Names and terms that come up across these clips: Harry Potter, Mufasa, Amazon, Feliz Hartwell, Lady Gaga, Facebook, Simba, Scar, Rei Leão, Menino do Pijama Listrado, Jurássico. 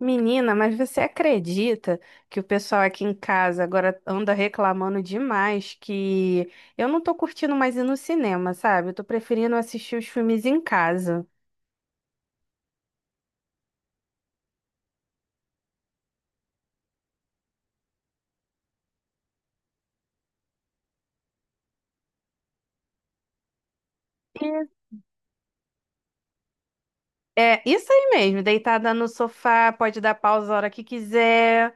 Menina, mas você acredita que o pessoal aqui em casa agora anda reclamando demais que eu não tô curtindo mais ir no cinema, sabe? Eu tô preferindo assistir os filmes em casa. E- É isso aí mesmo, deitada no sofá, pode dar pausa a hora que quiser.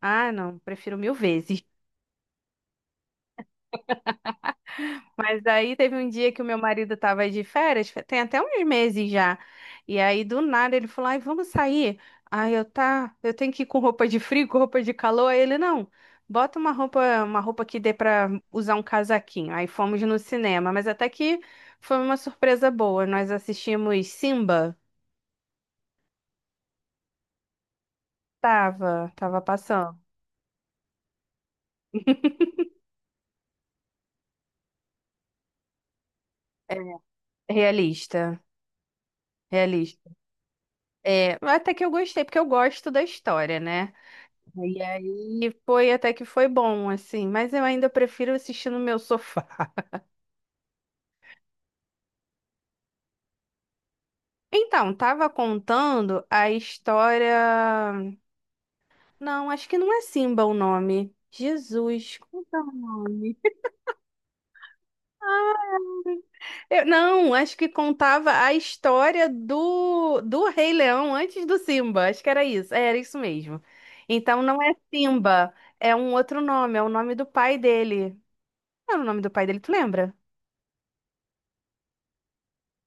Ah, não, prefiro mil vezes. Mas daí teve um dia que o meu marido tava de férias, tem até uns meses já. E aí do nada ele falou: "Ai, vamos sair". Aí eu tá, eu tenho que ir com roupa de frio, com roupa de calor. Aí ele não. Bota uma roupa que dê pra usar um casaquinho. Aí fomos no cinema, mas até que foi uma surpresa boa. Nós assistimos Simba. Tava passando. É, realista, realista. É, até que eu gostei, porque eu gosto da história, né? E aí foi até que foi bom, assim, mas eu ainda prefiro assistir no meu sofá. Então, tava contando a história. Não, acho que não é Simba o nome. Jesus, como é o nome? Não, acho que contava a história do Rei Leão antes do Simba. Acho que era isso. É, era isso mesmo. Então não é Simba, é um outro nome, é o nome do pai dele. Qual era o nome do pai dele, tu lembra?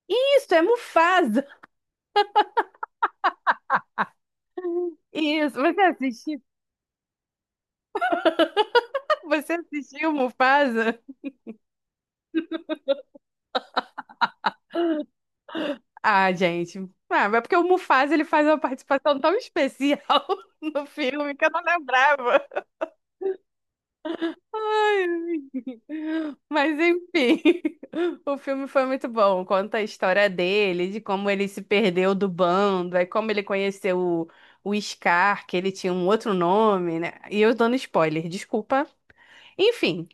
Isso, é Mufasa. Isso, você assistiu? Você assistiu o Mufasa? Ah, gente. Ah, mas é porque o Mufasa ele faz uma participação tão especial no filme que eu não lembrava. Ai, mas enfim, o filme foi muito bom. Conta a história dele, de como ele se perdeu do bando, aí como ele conheceu o Scar, que ele tinha um outro nome, né? E eu dando spoiler, desculpa. Enfim,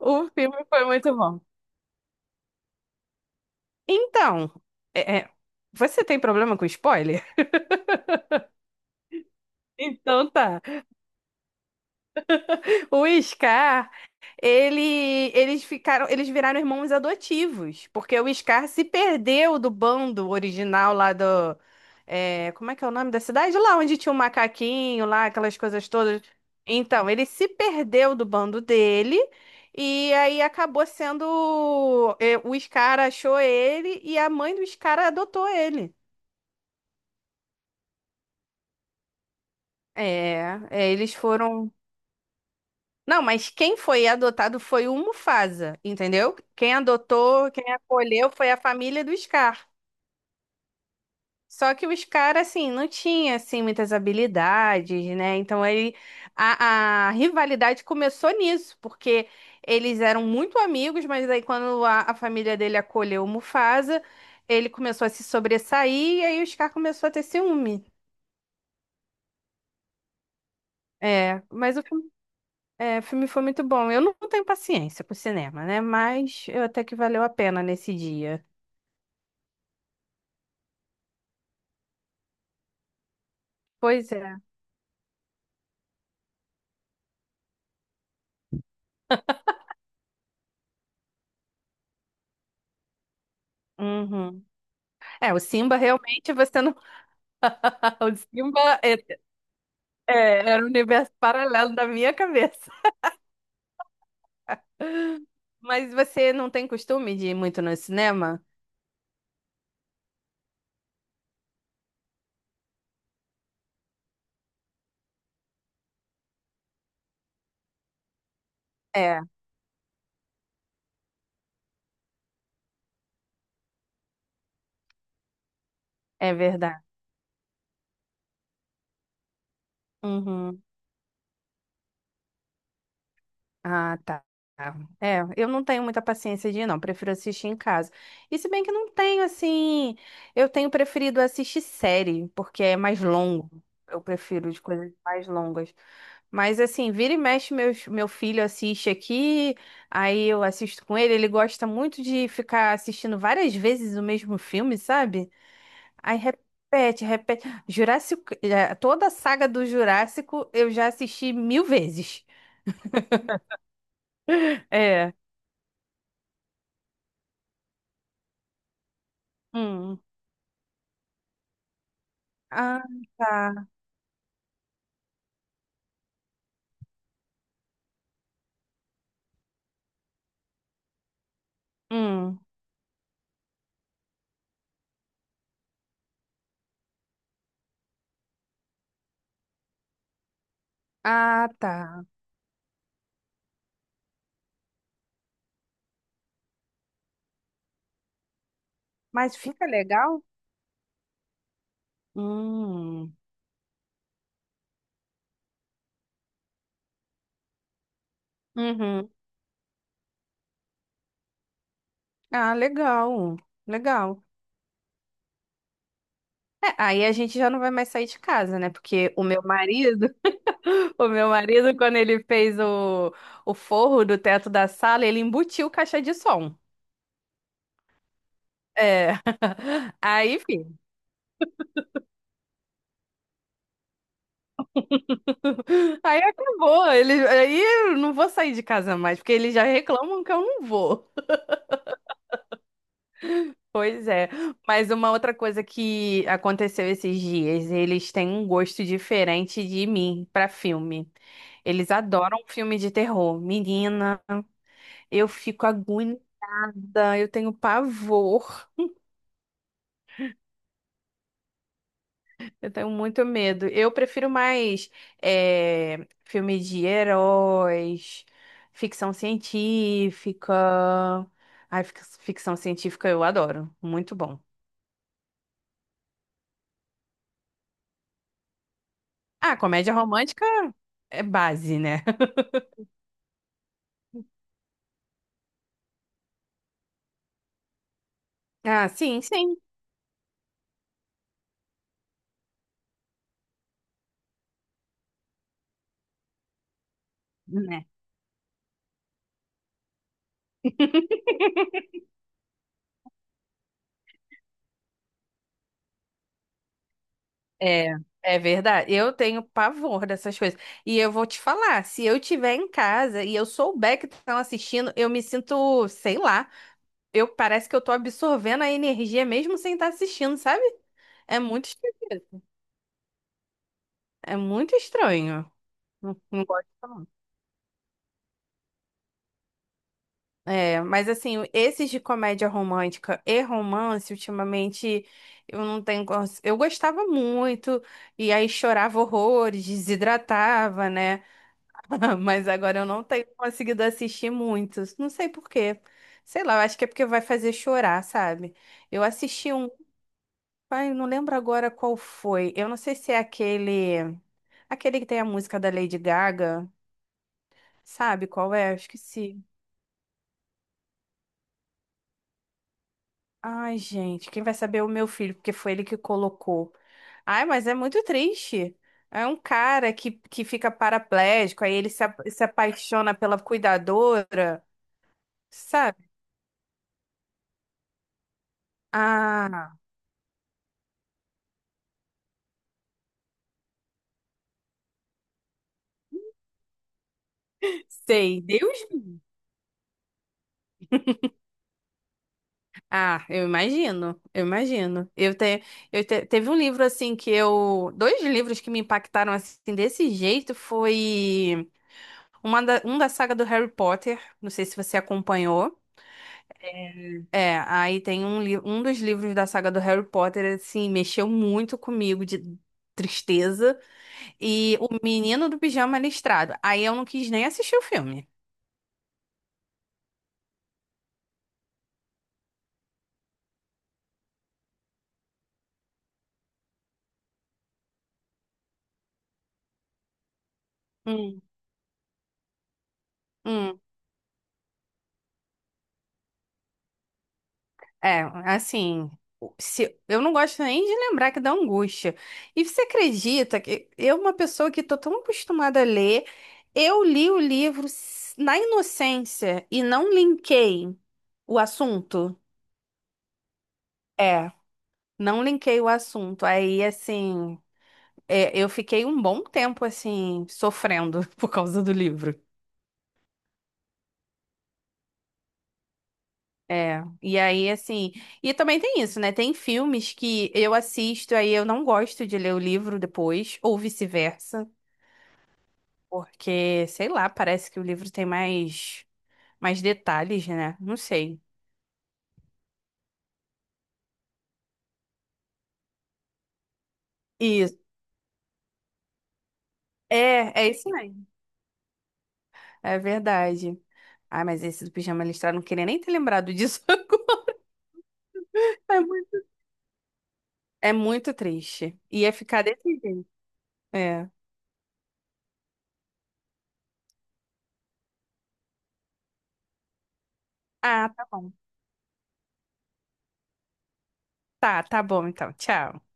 o filme foi muito bom. Então, é, você tem problema com spoiler? Então tá. O Scar, ele, eles ficaram, eles viraram irmãos adotivos, porque o Scar se perdeu do bando original lá do, é, como é que é o nome da cidade? Lá onde tinha o macaquinho, lá aquelas coisas todas. Então, ele se perdeu do bando dele e aí acabou sendo, é, o Scar achou ele e a mãe do Scar adotou ele. É, é, eles foram. Não, mas quem foi adotado foi o Mufasa, entendeu? Quem adotou, quem acolheu foi a família do Scar. Só que o Scar, assim, não tinha, assim, muitas habilidades, né? Então, ele, a rivalidade começou nisso, porque eles eram muito amigos, mas aí quando a família dele acolheu o Mufasa, ele começou a se sobressair e aí o Scar começou a ter ciúme. É, mas o filme. É, o filme foi muito bom. Eu não tenho paciência pro cinema, né? Mas eu até que valeu a pena nesse dia. Pois é. Uhum. É, o Simba realmente você não. O Simba é, era um universo paralelo da minha cabeça. Mas você não tem costume de ir muito no cinema? É, é verdade. Uhum. Ah, tá. É, eu não tenho muita paciência de ir, não. Prefiro assistir em casa. E se bem que não tenho, assim. Eu tenho preferido assistir série, porque é mais longo. Eu prefiro de coisas mais longas. Mas, assim, vira e mexe, meu filho assiste aqui, aí eu assisto com ele. Ele gosta muito de ficar assistindo várias vezes o mesmo filme, sabe? Aí repete, repete. Jurássico, toda a saga do Jurássico eu já assisti mil vezes. É. Hum. Ah, tá. Hum. Ah, tá. Mas fica legal? Hum. Uhum. Ah, legal. Legal. É, aí a gente já não vai mais sair de casa, né? Porque o meu marido, o meu marido, quando ele fez o forro do teto da sala, ele embutiu caixa de som. É. Aí, enfim. Aí acabou. Ele, aí eu não vou sair de casa mais, porque eles já reclamam que eu não vou. Pois é, mas uma outra coisa que aconteceu esses dias, eles têm um gosto diferente de mim pra filme. Eles adoram filme de terror. Menina, eu fico agoniada, eu tenho pavor, eu tenho muito medo. Eu prefiro mais filme de heróis, ficção científica. Ai, ficção científica eu adoro, muito bom. Ah, comédia romântica é base, né? Ah, sim, sim. Né? É, é verdade. Eu tenho pavor dessas coisas. E eu vou te falar, se eu estiver em casa e eu souber que estão assistindo, eu me sinto, sei lá, eu parece que eu tô absorvendo a energia mesmo sem estar assistindo, sabe? É muito esquisito. É muito estranho. Não, não gosto não. É, mas assim, esses de comédia romântica e romance, ultimamente, eu não tenho. Eu gostava muito, e aí chorava horrores, desidratava, né? Mas agora eu não tenho conseguido assistir muitos. Não sei por quê. Sei lá, eu acho que é porque vai fazer chorar, sabe? Eu assisti um, ai, eu não lembro agora qual foi. Eu não sei se é aquele, aquele que tem a música da Lady Gaga, sabe qual é? Eu esqueci. Ai, gente, quem vai saber é o meu filho, porque foi ele que colocou. Ai, mas é muito triste. É um cara que fica paraplégico, aí ele se apaixona pela cuidadora, sabe? Ah, sei, Deus me livre. Ah, eu imagino, eu imagino. Eu teve um livro assim que eu, dois livros que me impactaram assim desse jeito foi um da saga do Harry Potter, não sei se você acompanhou. É, aí tem um, um dos livros da saga do Harry Potter assim mexeu muito comigo de tristeza e o Menino do Pijama Listrado. Aí eu não quis nem assistir o filme. Hum. Hum. É, assim, o- se, eu não gosto nem de lembrar que dá angústia. E você acredita que eu, uma pessoa que tô tão acostumada a ler, eu li o livro na inocência e não linkei o assunto? É, não linkei o assunto. Aí, assim, é, eu fiquei um bom tempo, assim, sofrendo por causa do livro. É, e aí, assim, e também tem isso, né? Tem filmes que eu assisto, aí eu não gosto de ler o livro depois, ou vice-versa. Porque, sei lá, parece que o livro tem mais detalhes, né? Não sei. Isso. É, é isso mesmo. É verdade. Ai, mas esse do pijama listrado, não queria nem ter lembrado disso agora. É muito, é muito triste. Ia ficar desse jeito. É. Ah, tá bom. Tá, tá bom então. Tchau.